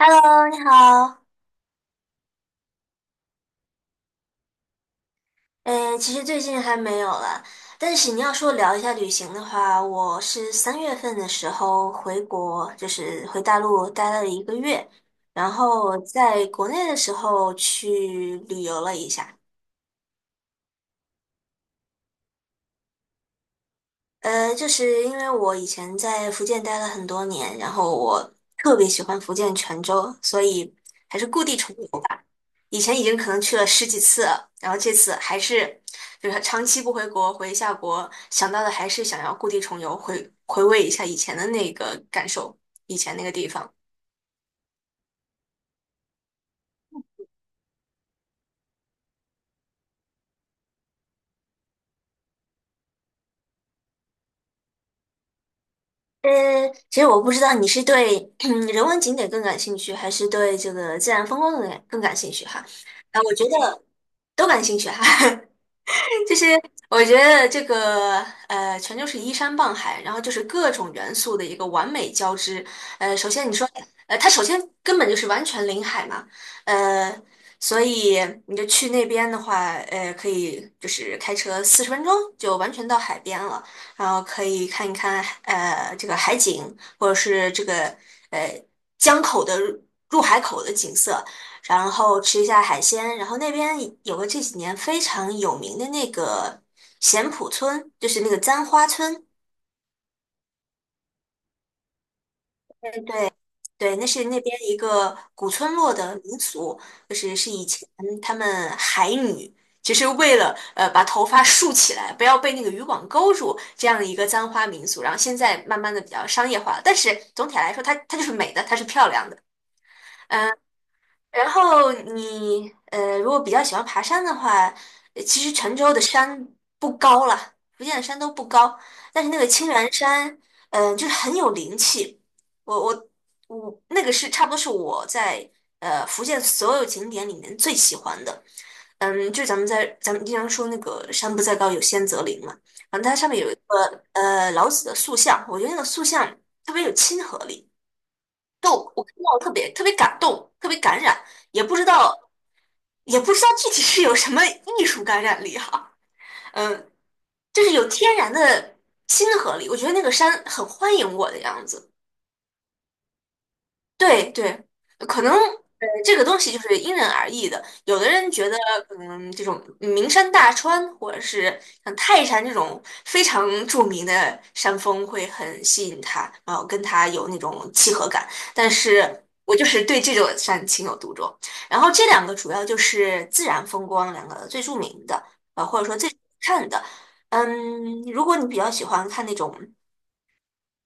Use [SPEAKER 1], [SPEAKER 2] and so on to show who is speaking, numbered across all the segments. [SPEAKER 1] Hello，你好。其实最近还没有了，但是你要说聊一下旅行的话，我是3月份的时候回国，就是回大陆待了1个月，然后在国内的时候去旅游了一下。就是因为我以前在福建待了很多年，然后我特别喜欢福建泉州，所以还是故地重游吧。以前已经可能去了10几次了，然后这次还是就是长期不回国，回一下国，想到的还是想要故地重游，回味一下以前的那个感受，以前那个地方。呃，其实我不知道你是对人文景点更感兴趣，还是对这个自然风光更感兴趣哈。啊，我觉得都感兴趣哈。就是我觉得这个全就是依山傍海，然后就是各种元素的一个完美交织。首先你说，它首先根本就是完全临海嘛，呃，所以你就去那边的话，可以就是开车40分钟就完全到海边了，然后可以看一看这个海景，或者是这个呃江口的入海口的景色。然后吃一下海鲜。然后那边有个这几年非常有名的那个咸浦村，就是那个簪花村。哎，对，对，那是那边一个古村落的民俗，就是以前他们海女。就是为了把头发竖起来，不要被那个渔网勾住，这样的一个簪花民俗。然后现在慢慢的比较商业化了，但是总体来说它就是美的，它是漂亮的。然后你如果比较喜欢爬山的话，其实泉州的山不高了，福建的山都不高，但是那个青鸾山，就是很有灵气。我我我那个是差不多是我在福建所有景点里面最喜欢的。嗯，就咱们经常说那个"山不在高，有仙则灵"嘛，然后它上面有一个老子的塑像，我觉得那个塑像特别有亲和力。我看到特别特别感动，特别感染，也不知道也不知道具体是有什么艺术感染力哈、嗯，就是有天然的亲和力，我觉得那个山很欢迎我的样子。对对，可能这个东西就是因人而异的。有的人觉得，这种名山大川或者是像泰山这种非常著名的山峰会很吸引他，然后跟他有那种契合感。但是我就是对这座山情有独钟。然后这两个主要就是自然风光两个最著名的，或者说最好看的。嗯，如果你比较喜欢看那种，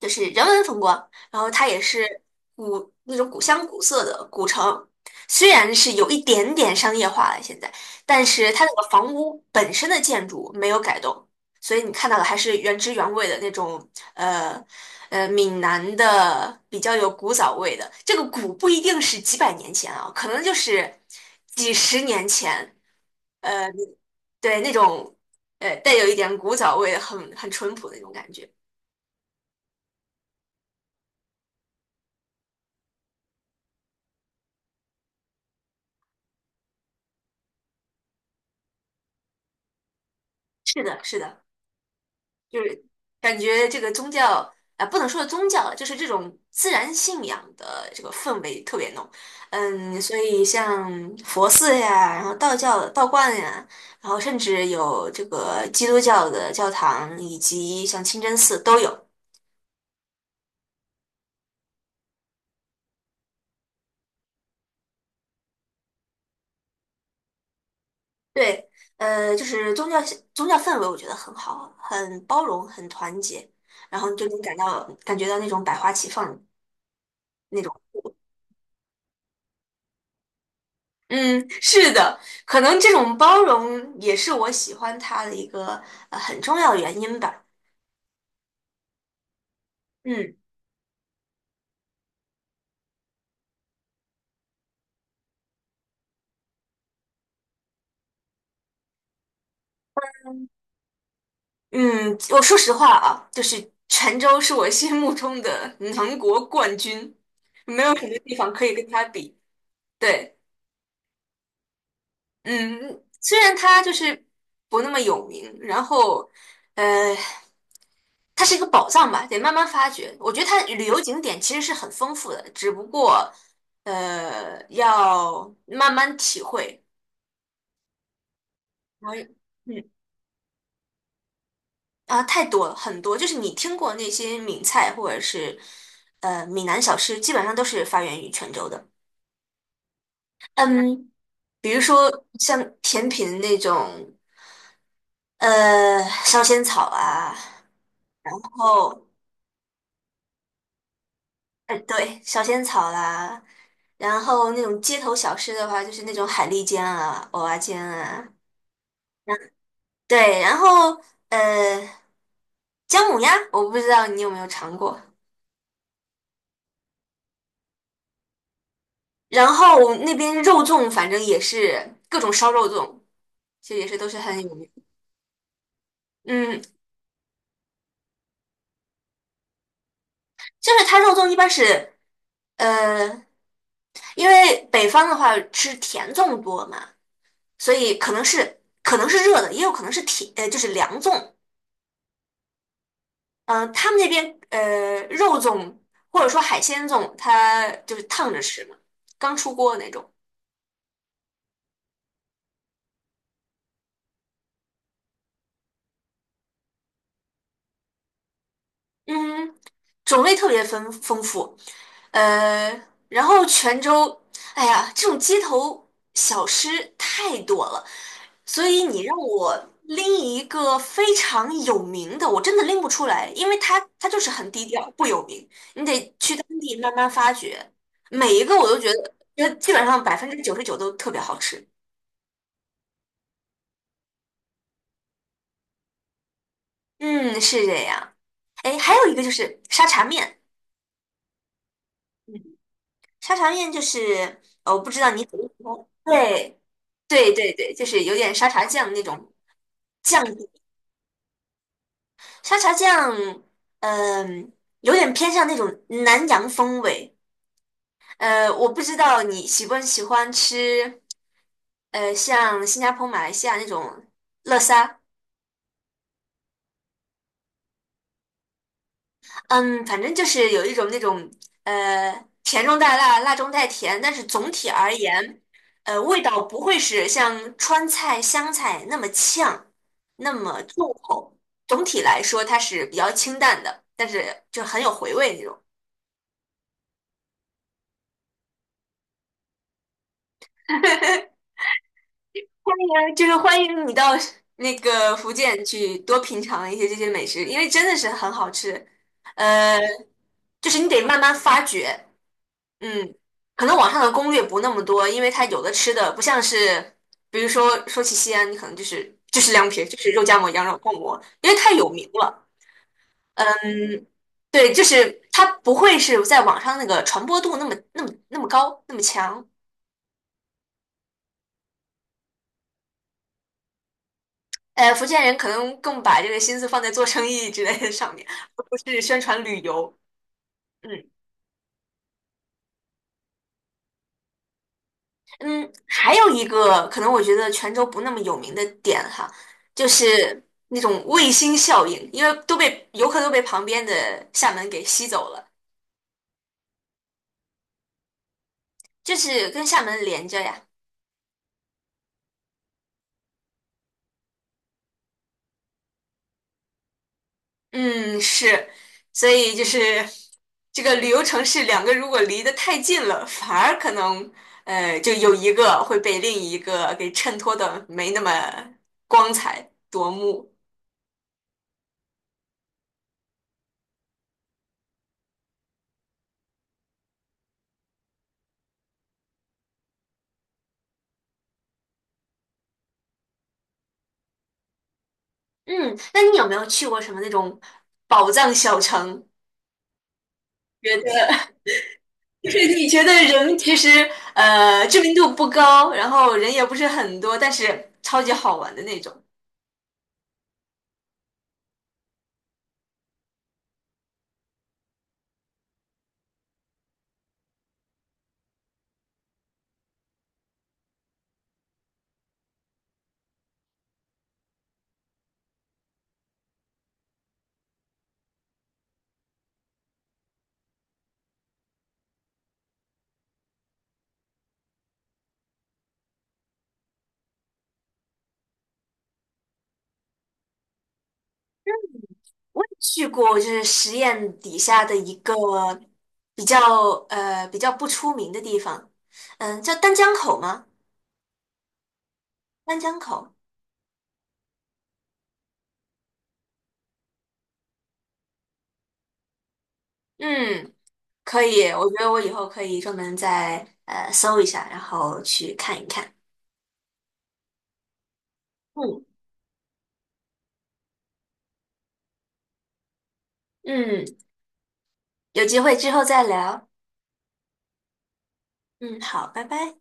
[SPEAKER 1] 就是人文风光，然后它也是那种古香古色的古城，虽然是有一点点商业化了现在，但是它那个房屋本身的建筑没有改动，所以你看到的还是原汁原味的那种，呃闽南的比较有古早味的。这个古不一定是几百年前啊，可能就是几十年前，呃，对那种带有一点古早味的很淳朴的那种感觉。是的，是的。就是感觉这个宗教啊，不能说宗教了，就是这种自然信仰的这个氛围特别浓。嗯，所以像佛寺呀，然后道教的道观呀，然后甚至有这个基督教的教堂，以及像清真寺都有。对，就是宗教氛围，我觉得很好，很包容，很团结，然后就能感觉到那种百花齐放。那种。嗯，是的，可能这种包容也是我喜欢他的一个很重要的原因吧。嗯嗯，我说实话啊，就是泉州是我心目中的 南国冠军，没有什么地方可以跟他比。对。嗯，虽然它就是不那么有名，然后，呃，它是一个宝藏吧，得慢慢发掘。我觉得它旅游景点其实是很丰富的，只不过，要慢慢体会。然后，嗯，太多了，很多，就是你听过那些闽菜或者是闽南小吃，基本上都是发源于泉州的。嗯，比如说像甜品那种，烧仙草啊。然后哎，对，小仙草啦，然后那种街头小吃的话，就是那种海蛎煎啊、蚵仔煎啊，对，然后呃，姜母鸭，我不知道你有没有尝过。然后那边肉粽，反正也是各种烧肉粽，其实也是都是很有名。嗯，就是它肉粽一般是呃，因为北方的话吃甜粽多嘛，所以可能是热的，也有可能是就是凉粽，嗯、他们那边肉粽或者说海鲜粽，它就是烫着吃嘛，刚出锅的那种。嗯，种类特别丰富。呃，然后泉州，哎呀，这种街头小吃太多了，所以你让我拎一个非常有名的，我真的拎不出来，因为它就是很低调，不有名，你得去当地慢慢发掘。每一个我都觉得基本上99%都特别好吃。嗯，是这样。哎，还有一个就是沙茶面，嗯，沙茶面就是我不知道你喜不喜欢，对，对对对，就是有点沙茶酱的那种酱底沙茶酱，嗯、有点偏向那种南洋风味。我不知道你喜不喜欢吃，像新加坡、马来西亚那种乐沙。嗯，反正就是有一种那种甜中带辣，辣中带甜，但是总体而言，味道不会是像川菜、湘菜那么呛，那么重口。总体来说，它是比较清淡的，但是就很有回味那种。欢欢迎你到 那个福建去多品尝一些这些美食，因为真的是很好吃。呃，就是你得慢慢发掘。嗯，可能网上的攻略不那么多，因为它有的吃的不像是，比如说起西安，你可能就是凉皮儿就是肉夹馍、羊肉泡馍，因为太有名了。嗯，对，就是它不会是在网上那个传播度那么高那么强。福建人可能更把这个心思放在做生意之类的上面，而不是宣传旅游。嗯。嗯，还有一个可能我觉得泉州不那么有名的点哈，就是那种卫星效应，因为都被旁边的厦门给吸走了，就是跟厦门连着呀。嗯，是，所以就是这个旅游城市两个如果离得太近了，反而可能就有一个会被另一个给衬托的没那么光彩夺目。嗯，那你有没有去过什么那种宝藏小城？觉得就是你觉得人其实知名度不高，然后人也不是很多，但是超级好玩的那种。我也去过，就是实验底下的一个比较比较不出名的地方，叫丹江口吗？丹江口，嗯，可以，我觉得我以后可以专门再搜一下，然后去看一看。嗯嗯，有机会之后再聊。嗯，好，拜拜。